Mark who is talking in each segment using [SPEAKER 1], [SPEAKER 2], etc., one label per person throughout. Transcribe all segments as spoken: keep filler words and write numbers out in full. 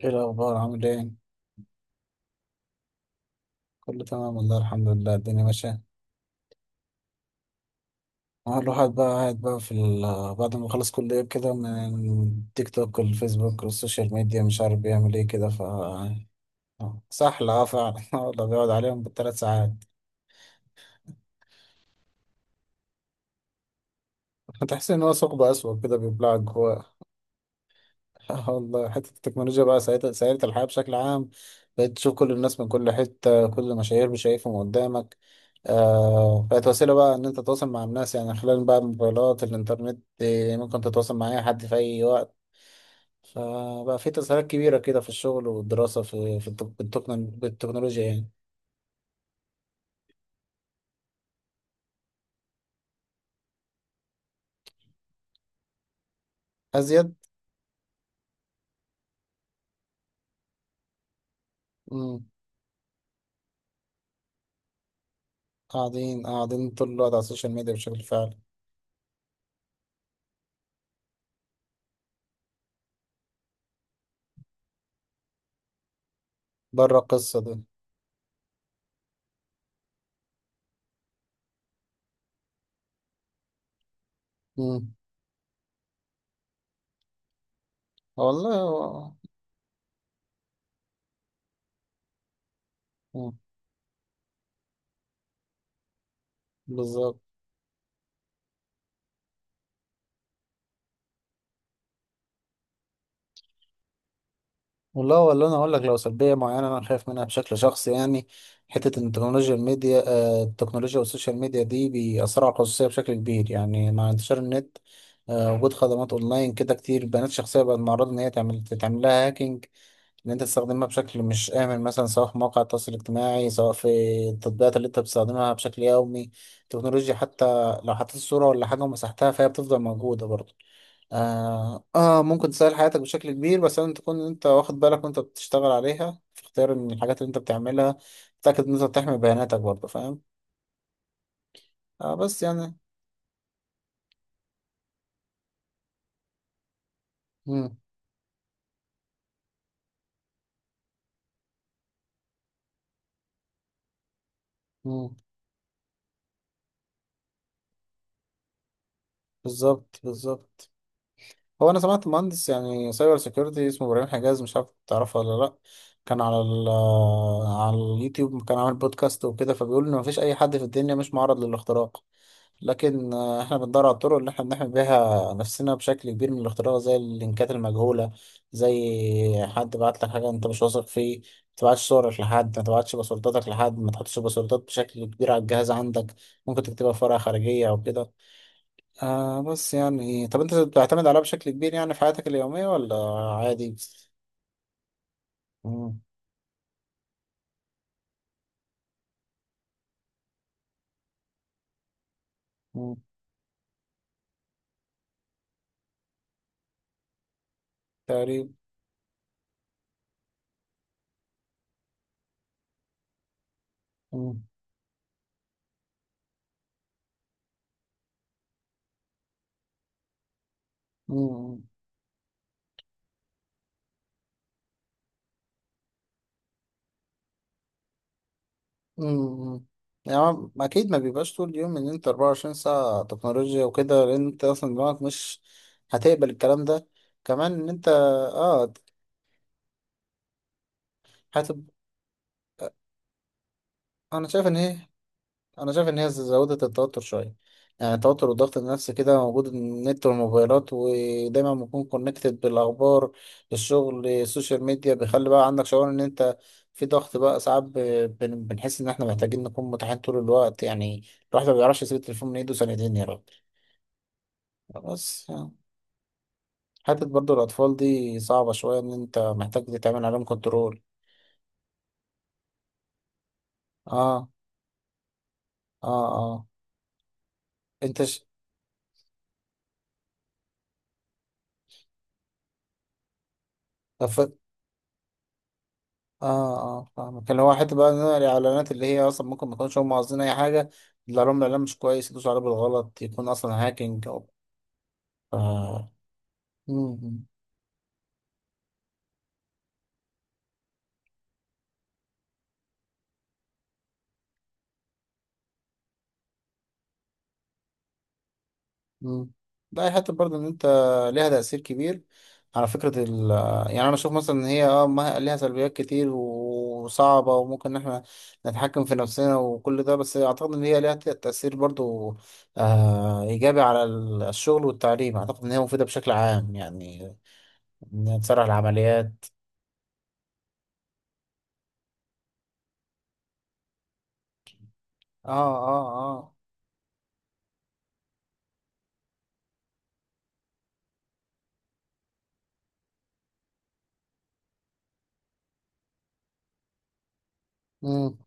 [SPEAKER 1] ايه الاخبار؟ عامل ايه؟ كله تمام والله، الحمد لله الدنيا ماشيه. اه الواحد بقى قاعد بقى في ال- بعد ما خلص كليه كده، من تيك توك والفيسبوك والسوشيال ميديا مش عارف بيعمل ايه كده ف سحل، اه فعلا. والله بيقعد عليهم بالثلاث ساعات. تحس ان هو ثقب اسود كده بيبلعك. آه والله، حتة التكنولوجيا بقى سهلت سهلت الحياة بشكل عام. بقيت تشوف كل الناس من كل حتة، كل مشاهير شايفهم قدامك. آه، بقت وسيلة بقى إن أنت تتواصل مع الناس يعني، خلال بقى الموبايلات، الإنترنت، آه، ممكن تتواصل مع أي حد في أي وقت. فبقى في تسهيلات كبيرة كده في الشغل والدراسة، في في التك- بالتكنو- بالتكنولوجيا يعني. أزيد. مم. قاعدين قاعدين طول الوقت على السوشيال ميديا بشكل فعلي. بره القصة دي. مم. والله هو- مم. بالظبط. والله، ولا انا اقول لك، لو سلبيه معينه انا خايف منها بشكل شخصي يعني. حته ان التكنولوجيا الميديا آه، التكنولوجيا والسوشيال ميديا دي بيأثروا على الخصوصيه بشكل كبير، يعني مع انتشار النت. آه، وجود خدمات اونلاين كده كتير، بيانات شخصيه بقت معرضه ان هي تعمل تعمل لها هاكينج. ان انت تستخدمها بشكل مش امن مثلا، سواء في مواقع التواصل الاجتماعي، سواء في التطبيقات اللي انت بتستخدمها بشكل يومي. التكنولوجيا حتى لو حطيت صوره ولا حاجه ومسحتها، فهي بتفضل موجوده برضه. آه, آه ممكن تسهل حياتك بشكل كبير، بس لازم تكون أنت واخد بالك وأنت بتشتغل عليها، في اختيار من الحاجات اللي أنت بتعملها. تتأكد إن أنت بتحمي بياناتك برضه، فاهم؟ آه بس يعني. مم. مم. بالظبط، بالظبط. هو أنا سمعت مهندس يعني سايبر سيكيورتي اسمه إبراهيم حجاز، مش عارف تعرفه ولا لأ؟ كان على ال آه، على اليوتيوب، كان عامل بودكاست وكده، فبيقول إن مفيش أي حد في الدنيا مش معرض للاختراق. لكن آه، احنا بندور على الطرق اللي احنا بنحمي بيها نفسنا بشكل كبير من الاختراق، زي اللينكات المجهولة. زي حد بعت لك حاجة انت مش واثق فيه، ما تبعتش صورك لحد، ما تبعتش باسورداتك لحد، ما تحطش باسوردات بشكل كبير على الجهاز عندك. ممكن تكتبها في ورقة خارجية او كده. آه بس يعني، طب انت بتعتمد عليها بشكل كبير يعني في حياتك اليومية ولا عادي؟ مم، مم، تقريبا. مم، مم. امم. يعني هو اكيد ما بيبقاش طول اليوم ان انت أربعة وعشرين ساعة تكنولوجيا وكده، لان انت اصلا دماغك مش هتقبل الكلام ده. كمان، ان انت اه هتب... انا شايف ان هي انا شايف ان هي زودت التوتر شوية. يعني التوتر والضغط النفسي كده موجود، النت والموبايلات، ودايما بنكون كونكتد بالاخبار. الشغل، السوشيال ميديا بيخلي بقى عندك شعور ان انت في ضغط بقى، ساعات ب- بن- بنحس ان احنا محتاجين نكون متاحين طول الوقت يعني. الواحد ما بيعرفش يسيب التليفون من ايده سنتين يا راجل. خلاص. حتة برضو الأطفال دي صعبة شوية، إن أنت محتاج تتعمل عليهم كنترول. آه، آه، آه. أنت ش... آه، ف... آه، آه، فاهمك، اللي هو حتة بقى إن أنا الإعلانات اللي هي أصلا ممكن ما يكونوش هم قاصدين أي حاجة. يطلع لهم إعلان مش كويس يدوسوا عليه بالغلط، يكون أصلا هاكينج أو. آه. مم. مم. ده حتى برضه ان انت ليها تأثير كبير على فكرة ال يعني انا اشوف مثلا ان هي اه ما- ليها سلبيات كتير وصعبة، وممكن ان احنا نتحكم في نفسنا وكل ده، بس اعتقد ان هي ليها ت- تأثير برضه، آه ايجابي على ال- الشغل والتعليم، اعتقد ان هي مفيدة بشكل عام يعني. ان هي تسرع العمليات. اه، اه، اه. مم.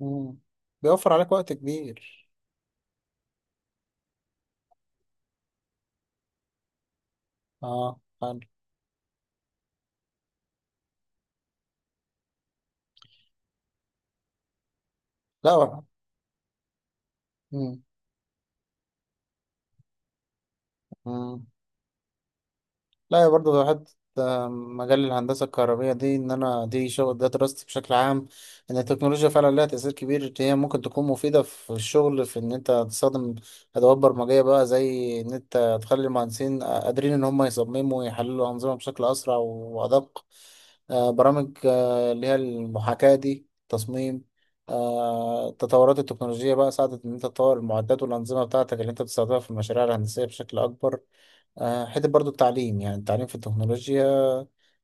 [SPEAKER 1] مم. بيوفر عليك وقت كبير. اه حلو. لا. مم. مم. لا يا، برضه حتة. آه، مجال الهندسة الكهربية دي، إن أنا دي شغل ده دراستي بشكل عام. إن التكنولوجيا فعلا لها تأثير كبير، هي ممكن تكون مفيدة في الشغل، في إن أنت تستخدم أدوات برمجية بقى، زي إن أنت تخلي المهندسين آه، قادرين إن هم يصمموا ويحللوا أنظمة بشكل أسرع وأدق. آه، برامج آه، اللي هي المحاكاة دي، تصميم. آه، التطورات التكنولوجية بقى ساعدت إن أنت تطور المعدات والأنظمة بتاعتك اللي أنت بتستخدمها في المشاريع الهندسية بشكل أكبر. آه، حته برضو التعليم، يعني التعليم في التكنولوجيا.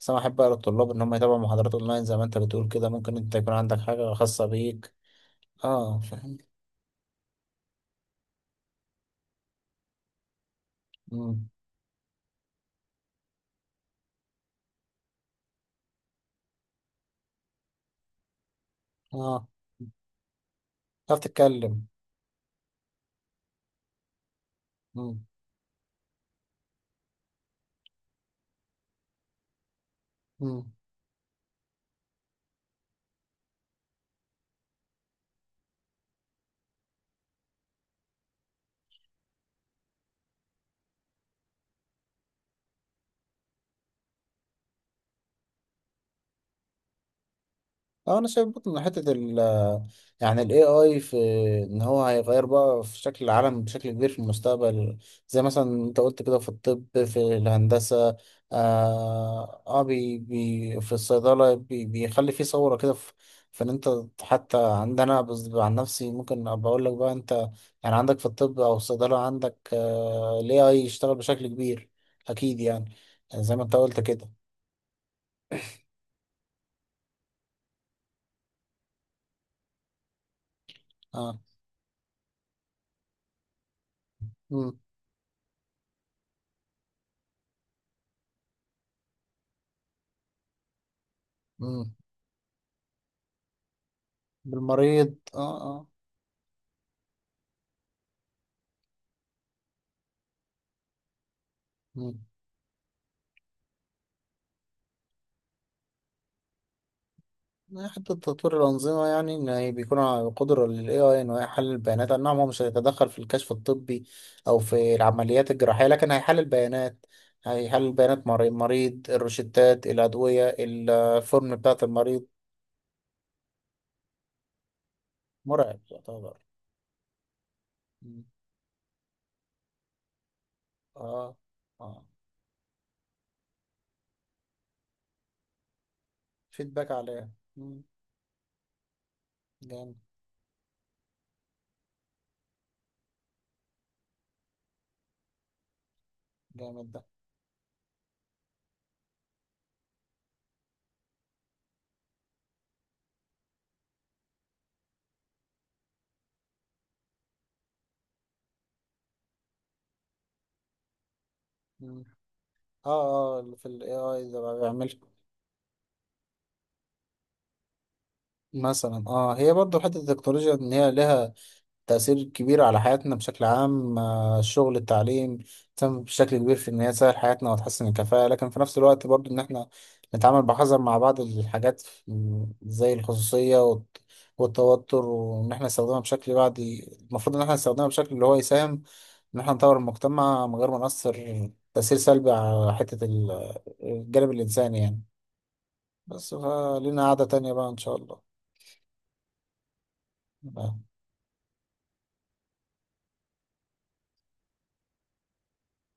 [SPEAKER 1] بس انا احب اقرا الطلاب ان هم يتابعوا محاضرات اونلاين زي ما انت بتقول كده، ممكن انت يكون عندك حاجه خاصه بيك. اه، فاهم. مم، اه، تعرف تتكلم. مم، مم. اه، انا شايف برضه ان حته ال يعني ال إيه آي، في ان هو هيغير بقى في شكل العالم بشكل كبير في المستقبل. زي مثلا انت قلت كده، في الطب، في الهندسه. اه, آه بي بي في الصيدله، بي بيخلي في صوره كده في. فان انت، حتى عندنا بس عن نفسي ممكن ابقى اقول لك بقى انت، يعني عندك في الطب او الصيدله، عندك آه ال إيه آي يشتغل بشكل كبير، اكيد يعني. زي ما انت قلت كده. اه. امم. امم. بالمريض، اه، آه. مم. يعني حتى تطوير الأنظمة، يعني إن هي بيكون على قدرة لل إيه آي إنه يحلل البيانات، أي نعم هو مش هيتدخل في الكشف الطبي أو في العمليات الجراحية، لكن هيحلل بيانات. هيحلل بيانات مري- المريض، الروشتات، الأدوية، الفورم بتاعة المريض. مرعب يعتبر. مم. آه، آه. فيدباك عليه. مم. جامد. جامد ده. مم. آه، آه، اللي في ال إيه آي ده بقى بيعمل، مثلا آه هي برضه حتة التكنولوجيا، إن هي لها تأثير كبير على حياتنا بشكل عام، آه، الشغل، التعليم. تم بشكل كبير في إن هي تسهل حياتنا وتحسن الكفاءة، لكن في نفس الوقت برضو إن إحنا نتعامل بحذر مع بعض الحاجات، م، زي الخصوصية والت- والتوتر، وإن إحنا نستخدمها بشكل بعد. المفروض إن إحنا نستخدمها بشكل اللي هو يساهم إن إحنا نطور المجتمع، من غير ما نأثر تأثير سلبي على حتة ال- الجانب الإنساني يعني. بس فلينا قعدة تانية بقى، إن شاء الله.